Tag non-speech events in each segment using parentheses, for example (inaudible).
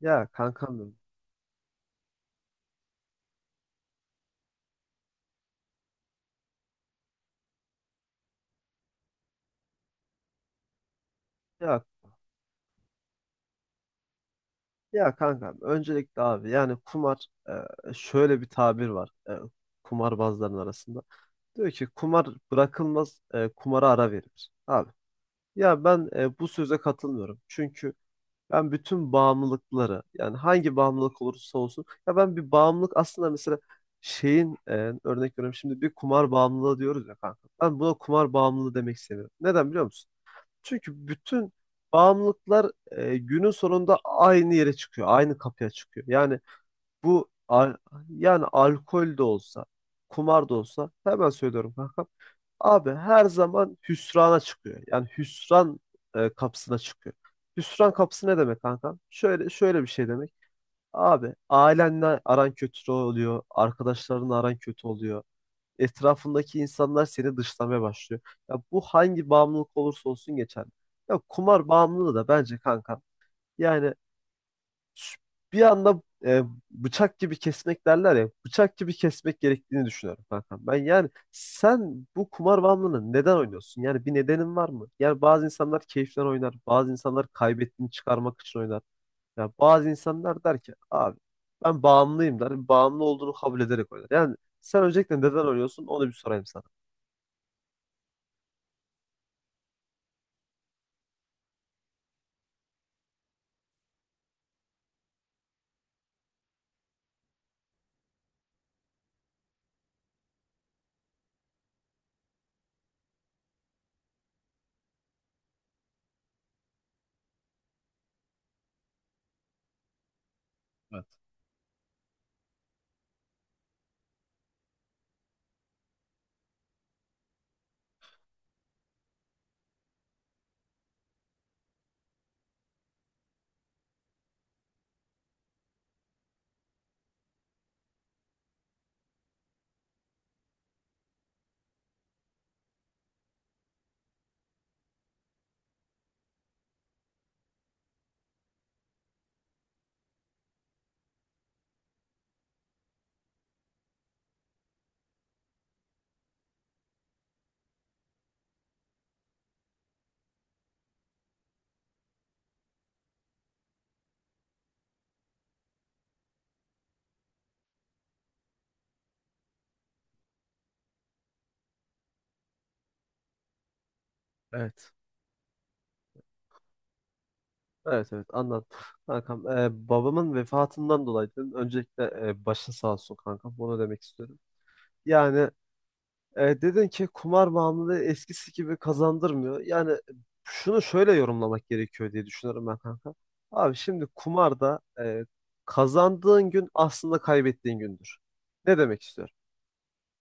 Ya kankam benim. Ya, ya kankam öncelikle abi yani kumar şöyle bir tabir var kumarbazların arasında. Diyor ki kumar bırakılmaz kumara ara verilir. Abi ya ben bu söze katılmıyorum. Çünkü ben bütün bağımlılıkları yani hangi bağımlılık olursa olsun ya ben bir bağımlılık aslında mesela şeyin örnek veriyorum şimdi bir kumar bağımlılığı diyoruz ya kanka. Ben buna kumar bağımlılığı demek istemiyorum. Neden biliyor musun? Çünkü bütün bağımlılıklar günün sonunda aynı yere çıkıyor, aynı kapıya çıkıyor. Yani bu al- yani alkol de olsa, kumar da olsa hemen söylüyorum kanka. Abi her zaman hüsrana çıkıyor. Yani hüsran kapısına çıkıyor. Hüsran kapısı ne demek kanka? Şöyle şöyle bir şey demek. Abi ailenle aran kötü oluyor, arkadaşlarınla aran kötü oluyor, etrafındaki insanlar seni dışlamaya başlıyor. Ya bu hangi bağımlılık olursa olsun geçerli. Ya kumar bağımlılığı da bence kanka. Yani şu- bir anda bıçak gibi kesmek derler ya. Bıçak gibi kesmek gerektiğini düşünüyorum kankam. Yani sen bu kumar bağımlılığını neden oynuyorsun? Yani bir nedenin var mı? Yani bazı insanlar keyiften oynar. Bazı insanlar kaybettiğini çıkarmak için oynar. Ya bazı insanlar der ki abi ben bağımlıyım der. Bağımlı olduğunu kabul ederek oynar. Yani sen öncelikle neden oynuyorsun onu bir sorayım sana. Evet. Evet evet anladım. (laughs) Kankam babamın vefatından dolayı dedim. Öncelikle başın sağ olsun kankam. Bunu demek istiyorum. Yani dedin ki kumar bağımlılığı eskisi gibi kazandırmıyor. Yani şunu şöyle yorumlamak gerekiyor diye düşünüyorum ben kanka. Abi şimdi kumarda kazandığın gün aslında kaybettiğin gündür. Ne demek istiyorum?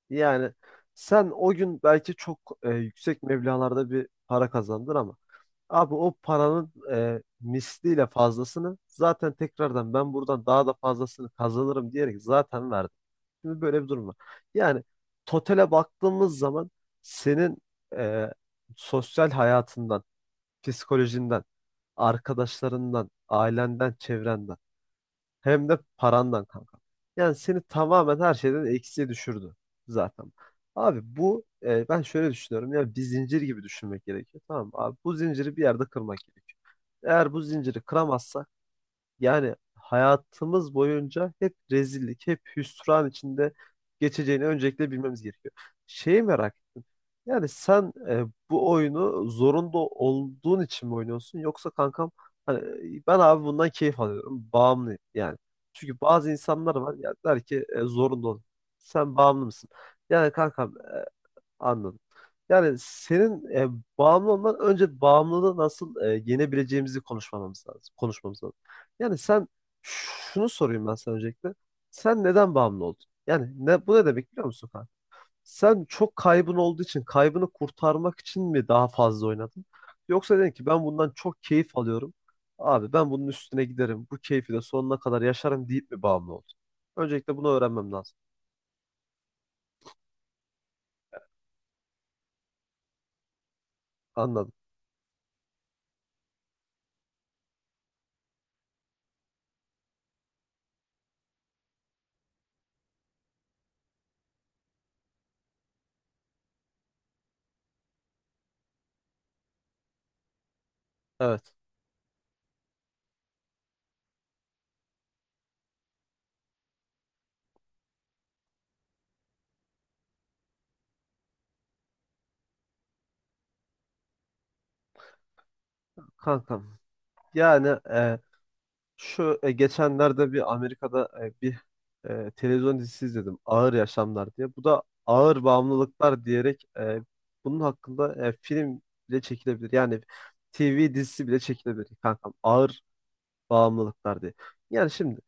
Yani sen o gün belki çok yüksek meblağlarda bir para kazandın ama abi o paranın misliyle fazlasını zaten tekrardan ben buradan daha da fazlasını kazanırım diyerek zaten verdim. Şimdi böyle bir durum var. Yani totale baktığımız zaman senin e, sosyal hayatından, psikolojinden, arkadaşlarından, ailenden, çevrenden hem de parandan kanka. Yani seni tamamen her şeyden eksiye düşürdü zaten. Abi bu ben şöyle düşünüyorum. Ya bir zincir gibi düşünmek gerekiyor. Tamam mı? Abi bu zinciri bir yerde kırmak gerekiyor. Eğer bu zinciri kıramazsak yani hayatımız boyunca hep rezillik, hep hüsran içinde geçeceğini öncelikle bilmemiz gerekiyor. Şeyi merak ettim. Yani sen bu oyunu zorunda olduğun için mi oynuyorsun, yoksa kankam hani ben abi bundan keyif alıyorum. Bağımlıyım yani. Çünkü bazı insanlar var ya der ki zorunda ol. Sen bağımlı mısın? Yani kankam anladım. Yani senin bağımlı olman önce bağımlılığı nasıl yenebileceğimizi konuşmamamız lazım. Konuşmamız lazım. Yani sen şunu sorayım ben sana öncelikle. Sen neden bağımlı oldun? Yani bu ne demek biliyor musun kanka? Sen çok kaybın olduğu için kaybını kurtarmak için mi daha fazla oynadın? Yoksa dedin ki ben bundan çok keyif alıyorum. Abi ben bunun üstüne giderim. Bu keyfi de sonuna kadar yaşarım deyip mi bağımlı oldun? Öncelikle bunu öğrenmem lazım. Anladım. Evet. Kankam. Yani şu geçenlerde bir Amerika'da bir televizyon dizisi izledim. Ağır Yaşamlar diye. Bu da ağır bağımlılıklar diyerek bunun hakkında film bile çekilebilir. Yani TV dizisi bile çekilebilir kankam. Ağır bağımlılıklar diye. Yani şimdi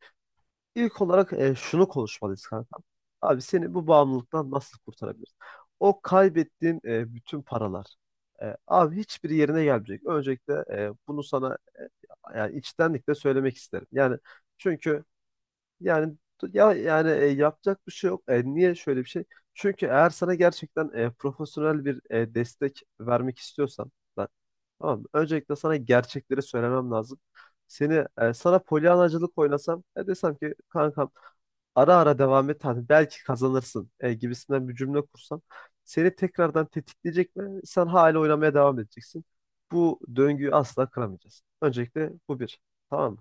ilk olarak şunu konuşmalıyız kankam. Abi seni bu bağımlılıktan nasıl kurtarabiliriz? O kaybettiğin bütün paralar. Abi hiçbir yerine gelmeyecek. Öncelikle bunu sana yani içtenlikle söylemek isterim. Yani çünkü yani ya yani yapacak bir şey yok. Niye şöyle bir şey? Çünkü eğer sana gerçekten profesyonel bir destek vermek istiyorsan ben, tamam mı? Öncelikle sana gerçekleri söylemem lazım. Sana polyanacılık oynasam desem ki kankam ara ara devam et hani belki kazanırsın gibisinden bir cümle kursam seni tekrardan tetikleyecek ve sen hala oynamaya devam edeceksin. Bu döngüyü asla kıramayacağız. Öncelikle bu bir. Tamam mı?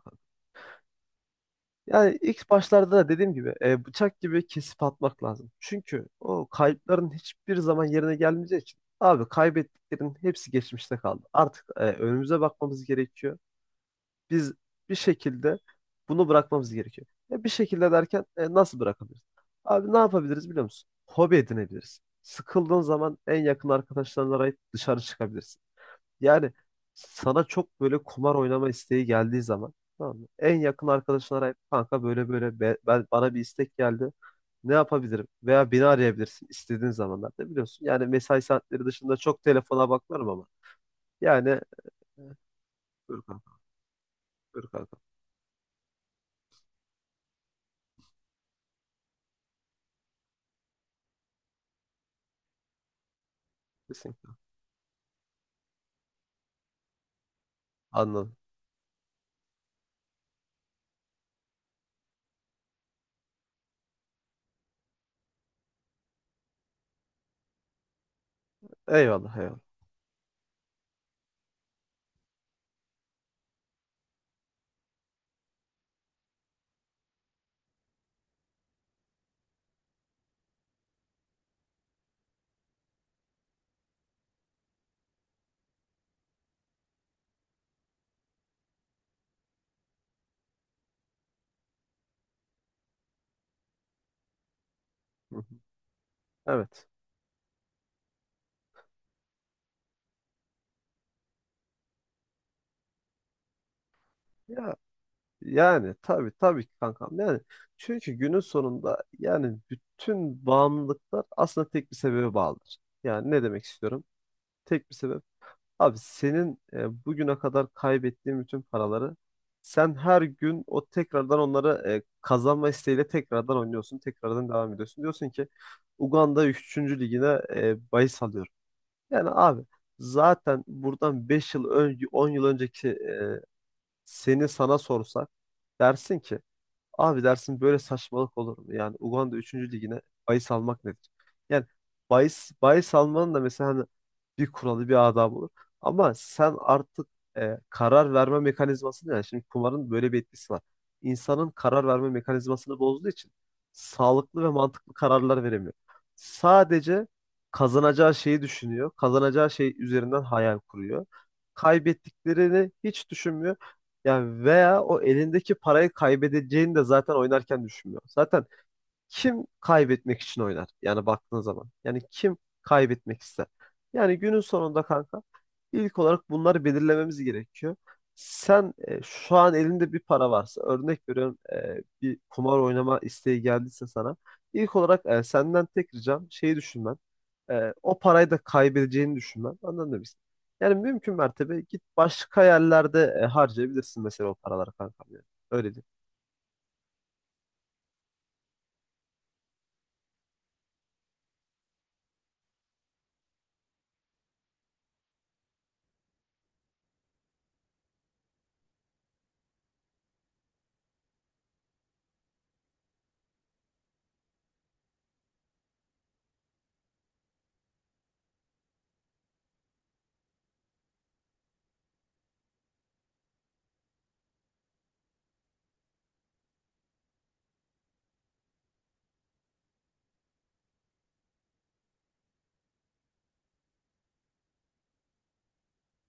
Yani ilk başlarda da dediğim gibi bıçak gibi kesip atmak lazım. Çünkü o kayıpların hiçbir zaman yerine gelmeyeceği için abi kaybettiklerin hepsi geçmişte kaldı. Artık önümüze bakmamız gerekiyor. Biz bir şekilde bunu bırakmamız gerekiyor. Bir şekilde derken nasıl bırakabiliriz? Abi ne yapabiliriz biliyor musun? Hobi edinebiliriz. Sıkıldığın zaman en yakın arkadaşlarına arayıp dışarı çıkabilirsin. Yani sana çok böyle kumar oynama isteği geldiği zaman tamam mı? En yakın arkadaşını arayıp kanka böyle böyle bana bir istek geldi. Ne yapabilirim? Veya beni arayabilirsin istediğin zamanlarda biliyorsun. Yani mesai saatleri dışında çok telefona bakmıyorum ama. Yani dur kanka, dur kanka. Kesinlikle. Anladım. Eyvallah, eyvallah. Hı hı. Evet. Ya yani tabii tabii ki kankam. Yani çünkü günün sonunda yani bütün bağımlılıklar aslında tek bir sebebe bağlıdır. Yani ne demek istiyorum? Tek bir sebep. Abi senin bugüne kadar kaybettiğin bütün paraları sen her gün o tekrardan onları kazanma isteğiyle tekrardan oynuyorsun. Tekrardan devam ediyorsun. Diyorsun ki Uganda üçüncü ligine bahis alıyorum. Yani abi zaten buradan 5 yıl önce 10 yıl önceki sana sorsak dersin ki abi dersin, böyle saçmalık olur mu? Yani Uganda üçüncü ligine bahis almak nedir? Yani bahis almanın da mesela hani bir kuralı bir adabı olur. Ama sen artık karar verme mekanizmasını yani şimdi kumarın böyle bir etkisi var. İnsanın karar verme mekanizmasını bozduğu için sağlıklı ve mantıklı kararlar veremiyor. Sadece kazanacağı şeyi düşünüyor. Kazanacağı şey üzerinden hayal kuruyor. Kaybettiklerini hiç düşünmüyor. Yani veya o elindeki parayı kaybedeceğini de zaten oynarken düşünmüyor. Zaten kim kaybetmek için oynar? Yani baktığın zaman. Yani kim kaybetmek ister? Yani günün sonunda kanka ilk olarak bunları belirlememiz gerekiyor. Sen şu an elinde bir para varsa örnek veriyorum bir kumar oynama isteği geldiyse sana ilk olarak senden tek ricam şeyi düşünmen. O parayı da kaybedeceğini düşünmen. Anladın mı? Biz? Yani mümkün mertebe git başka yerlerde harcayabilirsin mesela o paraları kankam. Yani. Öyle diyeyim.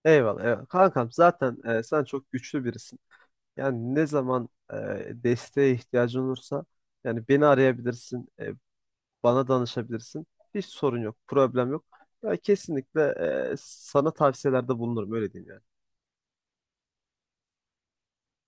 Eyvallah, eyvallah. Kankam zaten sen çok güçlü birisin. Yani ne zaman desteğe ihtiyacın olursa yani beni arayabilirsin, bana danışabilirsin. Hiç sorun yok, problem yok. Ya kesinlikle sana tavsiyelerde bulunurum öyle diyeyim yani.